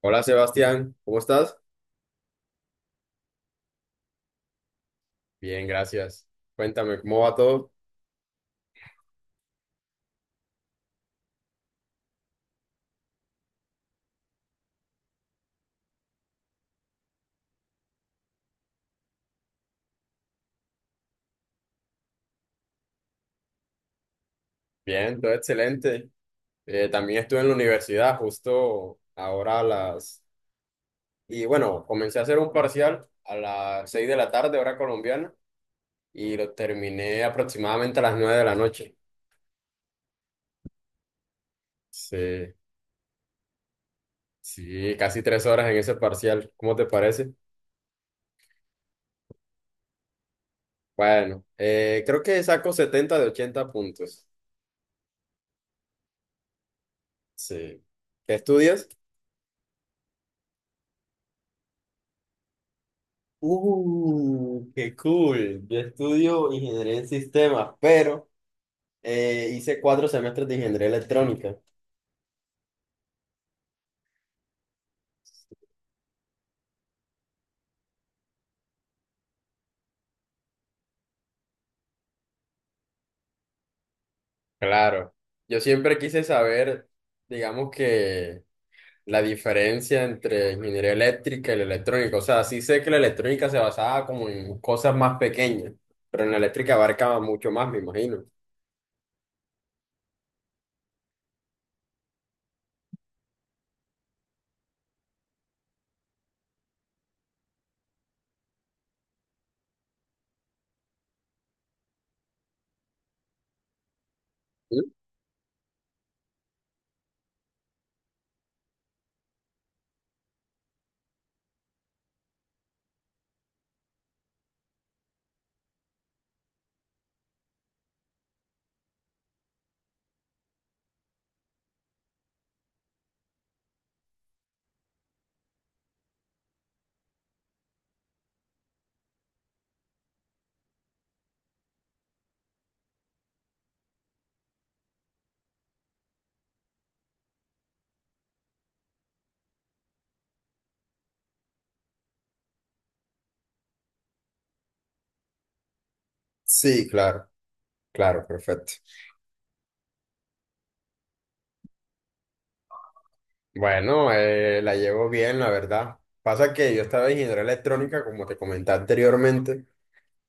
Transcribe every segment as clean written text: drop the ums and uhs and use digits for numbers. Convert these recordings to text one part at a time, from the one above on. Hola Sebastián, ¿cómo estás? Bien, gracias. Cuéntame, ¿cómo va todo? Bien, todo excelente. También estuve en la universidad justo ahora a las... Y bueno, comencé a hacer un parcial a las 6 de la tarde, hora colombiana, y lo terminé aproximadamente a las 9 de la noche. Sí, sí, casi 3 horas en ese parcial. ¿Cómo te parece? Bueno, creo que saco 70 de 80 puntos. Sí. ¿Qué estudias? Qué cool. Yo estudio ingeniería en sistemas, pero hice cuatro semestres de ingeniería electrónica. Claro, yo siempre quise saber, digamos que la diferencia entre ingeniería eléctrica y la electrónica. O sea, sí sé que la electrónica se basaba como en cosas más pequeñas, pero en la eléctrica abarcaba mucho más, me imagino. ¿Sí? Sí, claro, claro, perfecto. Bueno, la llevo bien, la verdad. Pasa que yo estaba en ingeniería electrónica, como te comenté anteriormente,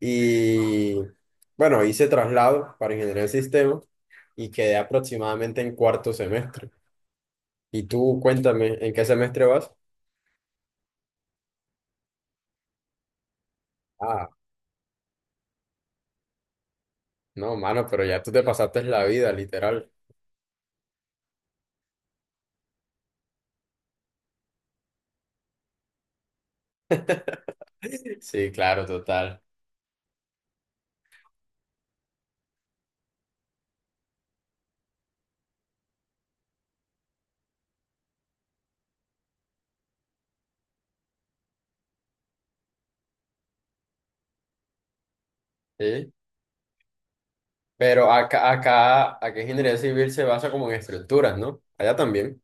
y bueno, hice traslado para ingeniería de sistema y quedé aproximadamente en cuarto semestre. Y tú, cuéntame, ¿en qué semestre vas? Ah, no, mano, pero ya tú te pasaste la vida, literal. Sí, claro, total. Sí. Pero acá ingeniería civil se basa como en estructuras, ¿no? Allá también.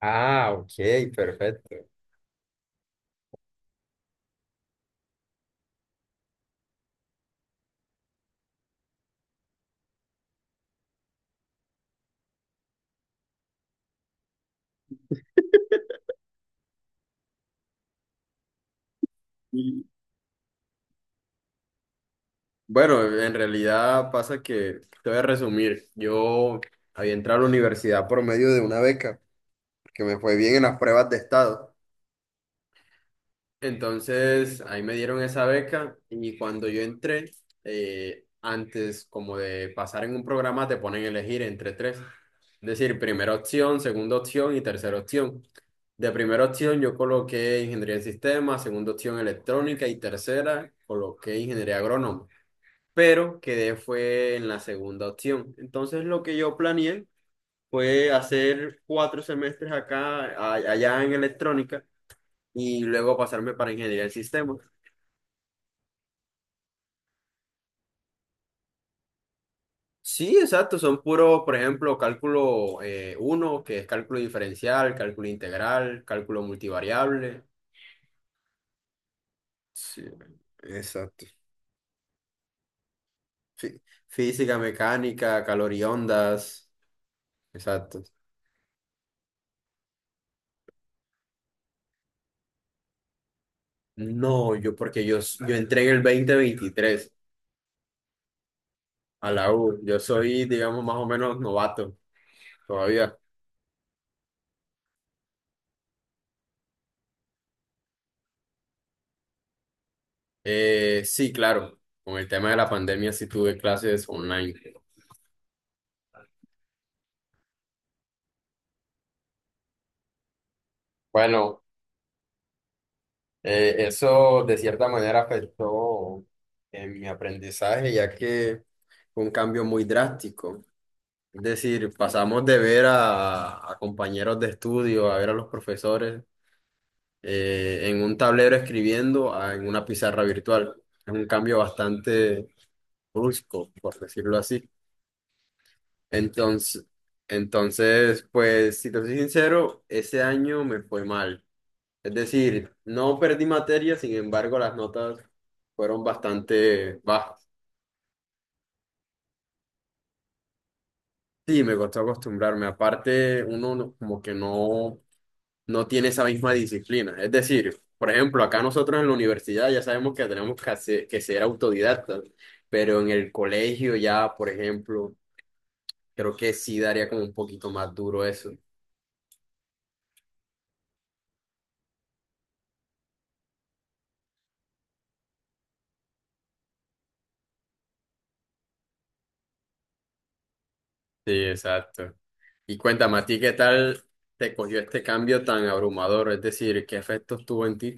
Ah, ok, perfecto. Bueno, en realidad pasa que, te voy a resumir, yo había entrado a la universidad por medio de una beca, que me fue bien en las pruebas de estado. Entonces, ahí me dieron esa beca y cuando yo entré, antes como de pasar en un programa, te ponen a elegir entre tres. Es decir, primera opción, segunda opción y tercera opción. De primera opción yo coloqué ingeniería en sistemas, segunda opción electrónica y tercera coloqué ingeniería agrónoma, pero quedé fue en la segunda opción. Entonces lo que yo planeé fue hacer cuatro semestres acá, allá en electrónica, y luego pasarme para ingeniería del sistema. Sí, exacto, son puros, por ejemplo, cálculo, uno que es cálculo diferencial, cálculo integral, cálculo multivariable. Sí, exacto. Fí- física, mecánica, calor y ondas. Exacto. No, yo porque yo entré en el 2023 a la U. Yo soy, digamos, más o menos novato todavía. Sí, claro, con el tema de la pandemia sí tuve clases online. Bueno, eso de cierta manera afectó en mi aprendizaje, ya que fue un cambio muy drástico. Es decir, pasamos de ver a compañeros de estudio, a ver a los profesores en un tablero escribiendo a en una pizarra virtual. Es un cambio bastante brusco, por decirlo así. Entonces, pues, si te soy sincero, ese año me fue mal. Es decir, no perdí materia, sin embargo, las notas fueron bastante bajas. Sí, me costó acostumbrarme. Aparte, uno como que no, no tiene esa misma disciplina. Es decir, por ejemplo, acá nosotros en la universidad ya sabemos que tenemos que que ser autodidactas, pero en el colegio ya, por ejemplo, creo que sí daría como un poquito más duro eso. Sí, exacto. Y cuéntame, ¿a ti qué tal te cogió este cambio tan abrumador? Es decir, ¿qué efectos tuvo en ti?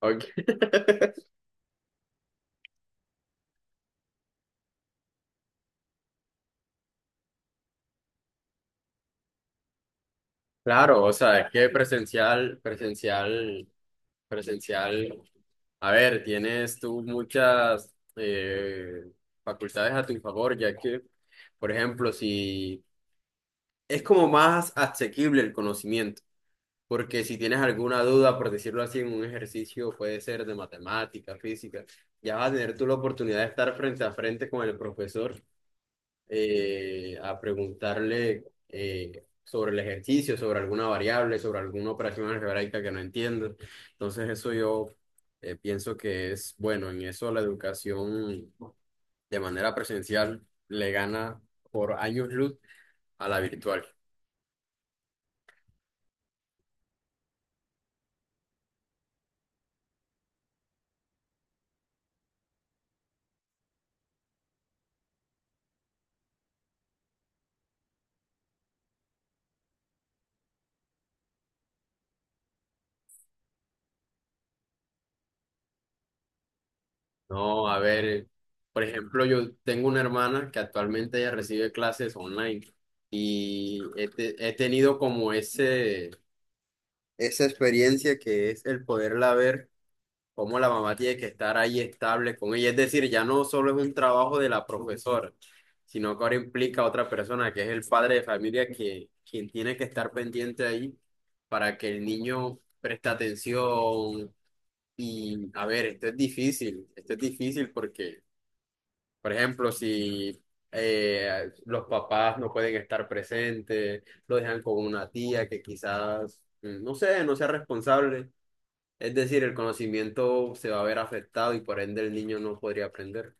Ok. Claro, o sea, es que presencial, presencial, presencial. A ver, tienes tú muchas facultades a tu favor, ya que, por ejemplo, si es como más asequible el conocimiento. Porque si tienes alguna duda, por decirlo así, en un ejercicio puede ser de matemática, física, ya vas a tener tú la oportunidad de estar frente a frente con el profesor, a preguntarle, sobre el ejercicio, sobre alguna variable, sobre alguna operación algebraica que no entiendes. Entonces eso yo, pienso que es bueno. En eso la educación de manera presencial le gana por años luz a la virtual. No, a ver, por ejemplo, yo tengo una hermana que actualmente ella recibe clases online y he tenido como ese, esa experiencia que es el poderla ver cómo la mamá tiene que estar ahí estable con ella. Es decir, ya no solo es un trabajo de la profesora, sino que ahora implica a otra persona que es el padre de familia que, quien tiene que estar pendiente ahí para que el niño preste atención. Y a ver, esto es difícil porque... Por ejemplo, si los papás no pueden estar presentes, lo dejan con una tía que quizás, no sé, no sea responsable. Es decir, el conocimiento se va a ver afectado y por ende el niño no podría aprender.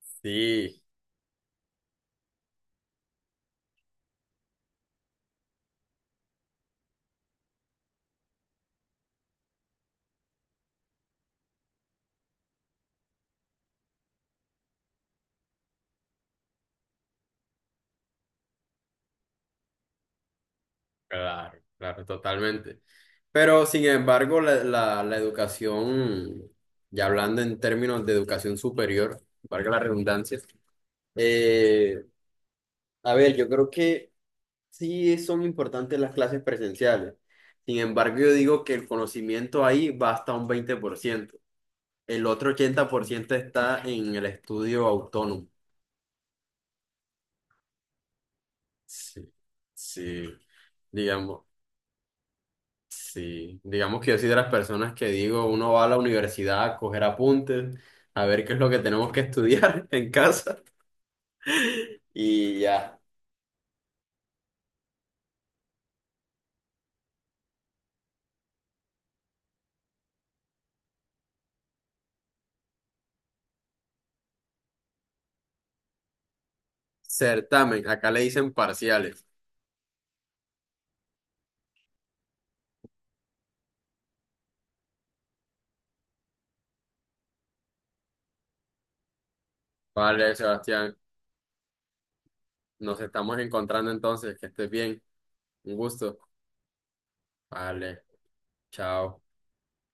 Sí, claro, claro, totalmente. Pero sin embargo, la educación, ya hablando en términos de educación superior, valga la redundancia, eh, a ver, yo creo que... Sí, son importantes las clases presenciales. Sin embargo, yo digo que el conocimiento ahí va hasta un 20%. El otro 80% está en el estudio autónomo. Sí, sí, digamos, sí. Digamos que yo soy de las personas que digo, uno va a la universidad a coger apuntes, a ver qué es lo que tenemos que estudiar en casa y ya. Certamen, acá le dicen parciales. Vale, Sebastián, nos estamos encontrando entonces, que estés bien. Un gusto. Vale. Chao.